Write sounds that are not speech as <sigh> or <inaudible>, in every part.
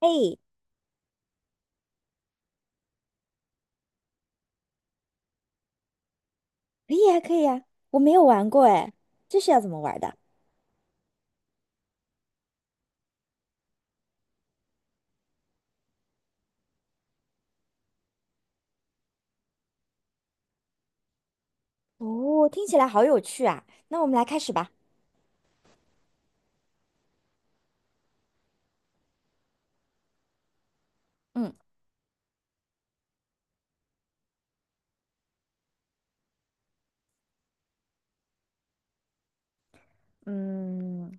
哎，可以啊，可以啊，我没有玩过哎，这是要怎么玩的？哦，听起来好有趣啊！那我们来开始吧。嗯嗯，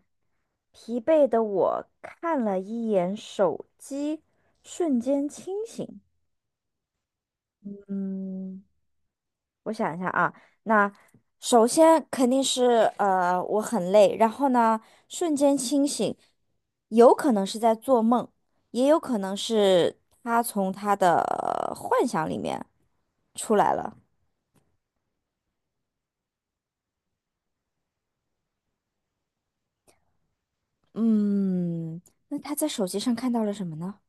疲惫的我看了一眼手机，瞬间清醒。嗯，我想一下啊，那首先肯定是我很累，然后呢瞬间清醒，有可能是在做梦，也有可能是他从他的幻想里面出来了。嗯，那他在手机上看到了什么呢？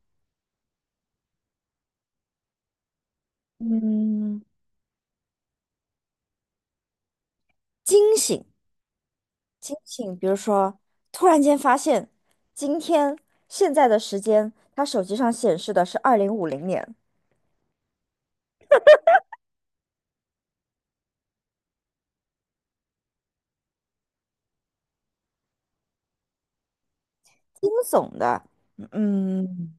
嗯，惊醒，惊醒，比如说，突然间发现，今天现在的时间，他手机上显示的是2050年。惊悚的，嗯，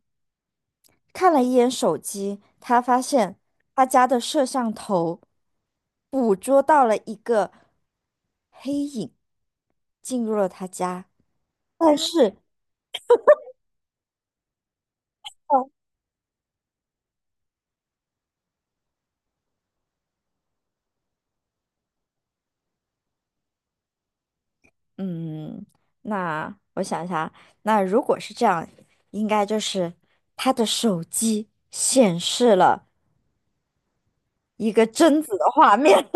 看了一眼手机，他发现他家的摄像头捕捉到了一个黑影进入了他家，但是。嗯，那我想一下，那如果是这样，应该就是他的手机显示了一个贞子的画面。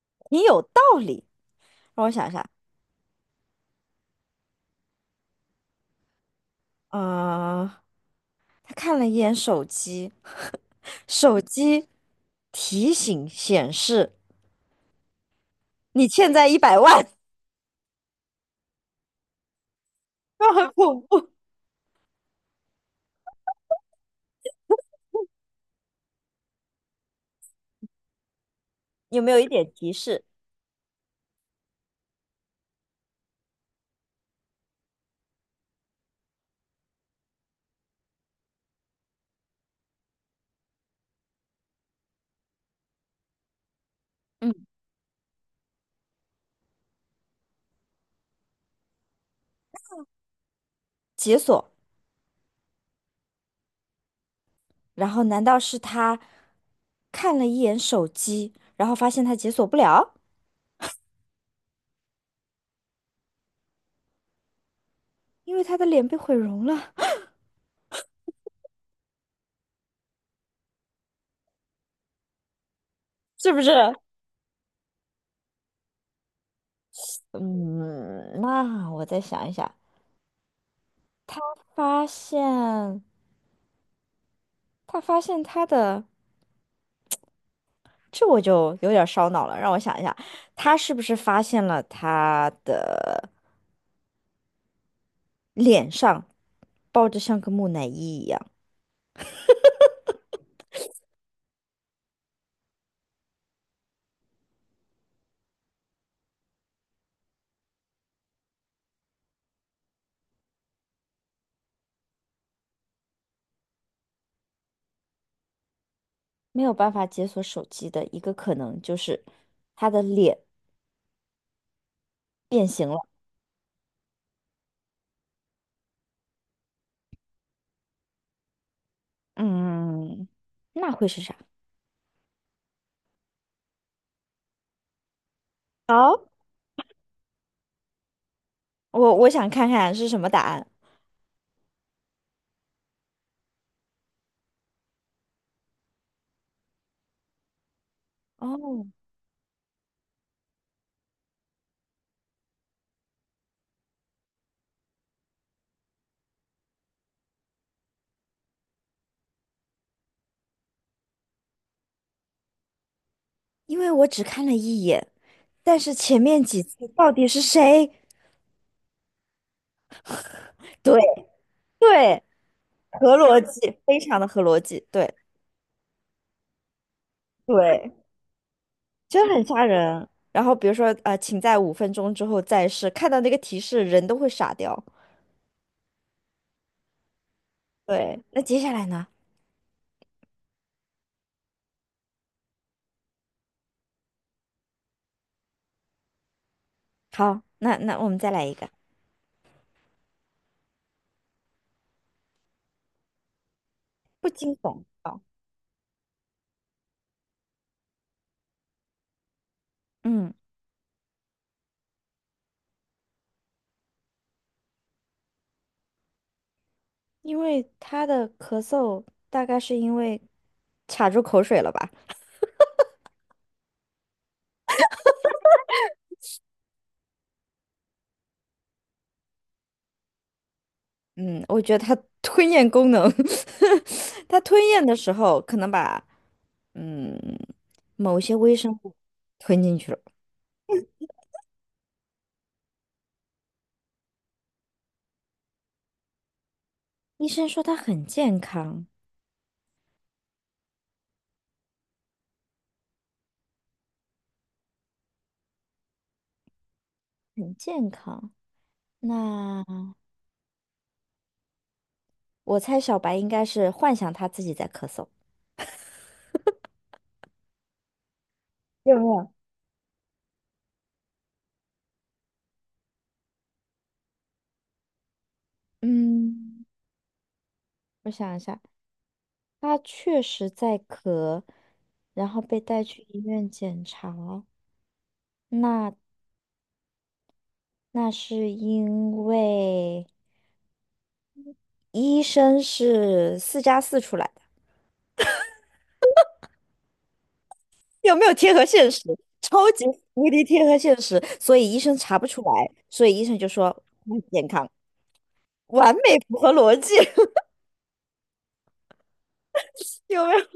<laughs> 你有道理。让我想一下，嗯、他看了一眼手机，<laughs> 手机提醒显示你欠债100万，<laughs> 就很恐怖。有没有一点提示？嗯，解锁。然后难道是他看了一眼手机，然后发现他解锁不了？因为他的脸被毁容了。是不是？嗯，那我再想一想，他发现他发现他的，这我就有点烧脑了，让我想一下，他是不是发现了他的脸上抱着像个木乃伊一样，没有办法解锁手机的一个可能就是他的脸变形了。嗯，那会是啥？好，我想看看是什么答案。哦，因为我只看了一眼。但是前面几次到底是谁？对对，合逻辑，非常的合逻辑，对对，真的很吓人。然后比如说请在5分钟之后再试，看到那个提示人都会傻掉。对，那接下来呢？好，那我们再来一个不惊悚。好，嗯，因为他的咳嗽大概是因为卡住口水了吧？嗯，我觉得它 <laughs> 吞咽功能，<laughs> 它吞咽的时候可能把嗯某些微生物吞进去了。医生说它很健康，很健康。那我猜小白应该是幻想他自己在咳嗽。有嗯，我想一下，他确实在咳，然后被带去医院检查。那是因为医生是四加四出来。有没有贴合现实？超级无敌贴合现实，所以医生查不出来，所以医生就说很健康，完美符合逻辑。<laughs> 有没有？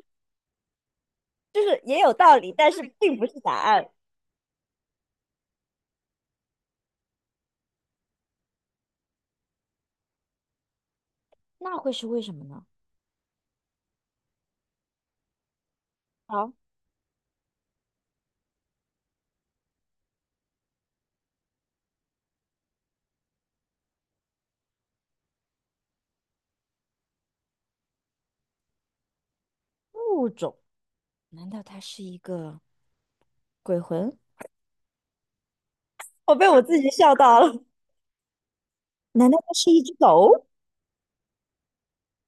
就是也有道理，但是并不是答案。那会是为什么呢？啊，物种，难道它是一个鬼魂？我被我自己笑到了。难道它是一只狗？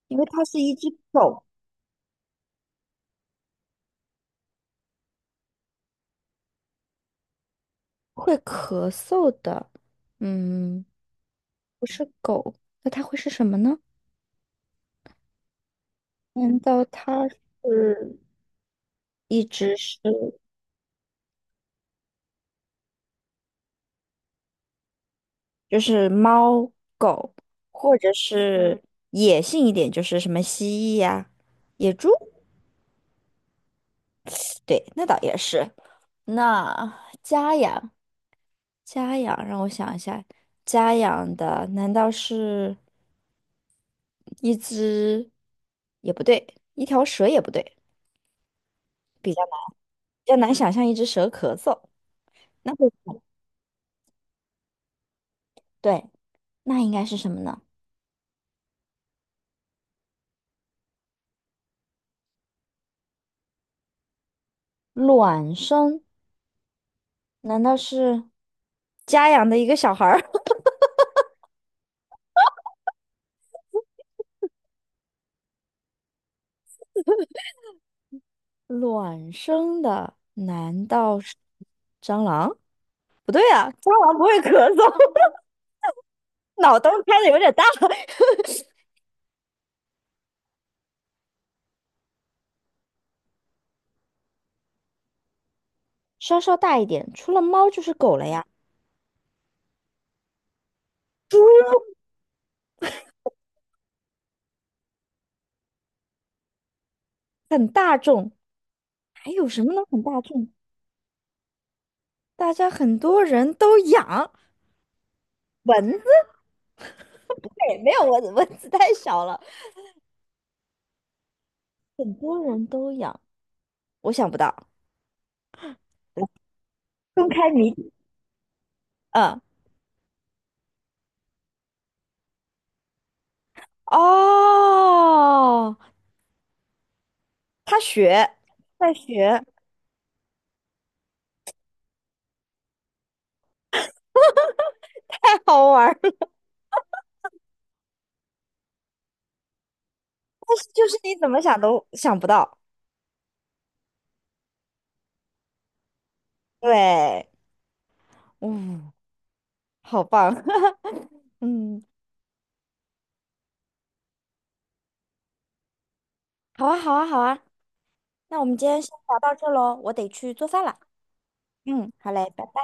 因为它是一只狗，会咳嗽的。嗯，不是狗，那它会是什么呢？难道它是一只是就是猫、狗，或者是野性一点，就是什么蜥蜴呀、野猪。对，那倒也是。那家养，家养，让我想一下，家养的难道是一只？也不对，一条蛇也不对，比较难想象一只蛇咳嗽。那不对，那应该是什么呢？卵生？难道是家养的一个小孩儿？卵生的难道是蟑螂？不对啊，蟑螂不会咳嗽。<laughs> 脑洞开的有点大，<laughs> 稍稍大一点。除了猫就是狗了呀，很大众。还有什么能很大众？大家很多人都养蚊子呗，没有蚊子，蚊子太小了。很多人都养。我想不到，来公开谜底。嗯，哦，他学，在学，太好玩儿。但是就是你怎么想都想不到。对，嗯，好棒。<laughs> 嗯，好啊，好啊，好啊，那我们今天先聊到这喽，我得去做饭了。嗯，好嘞，拜拜。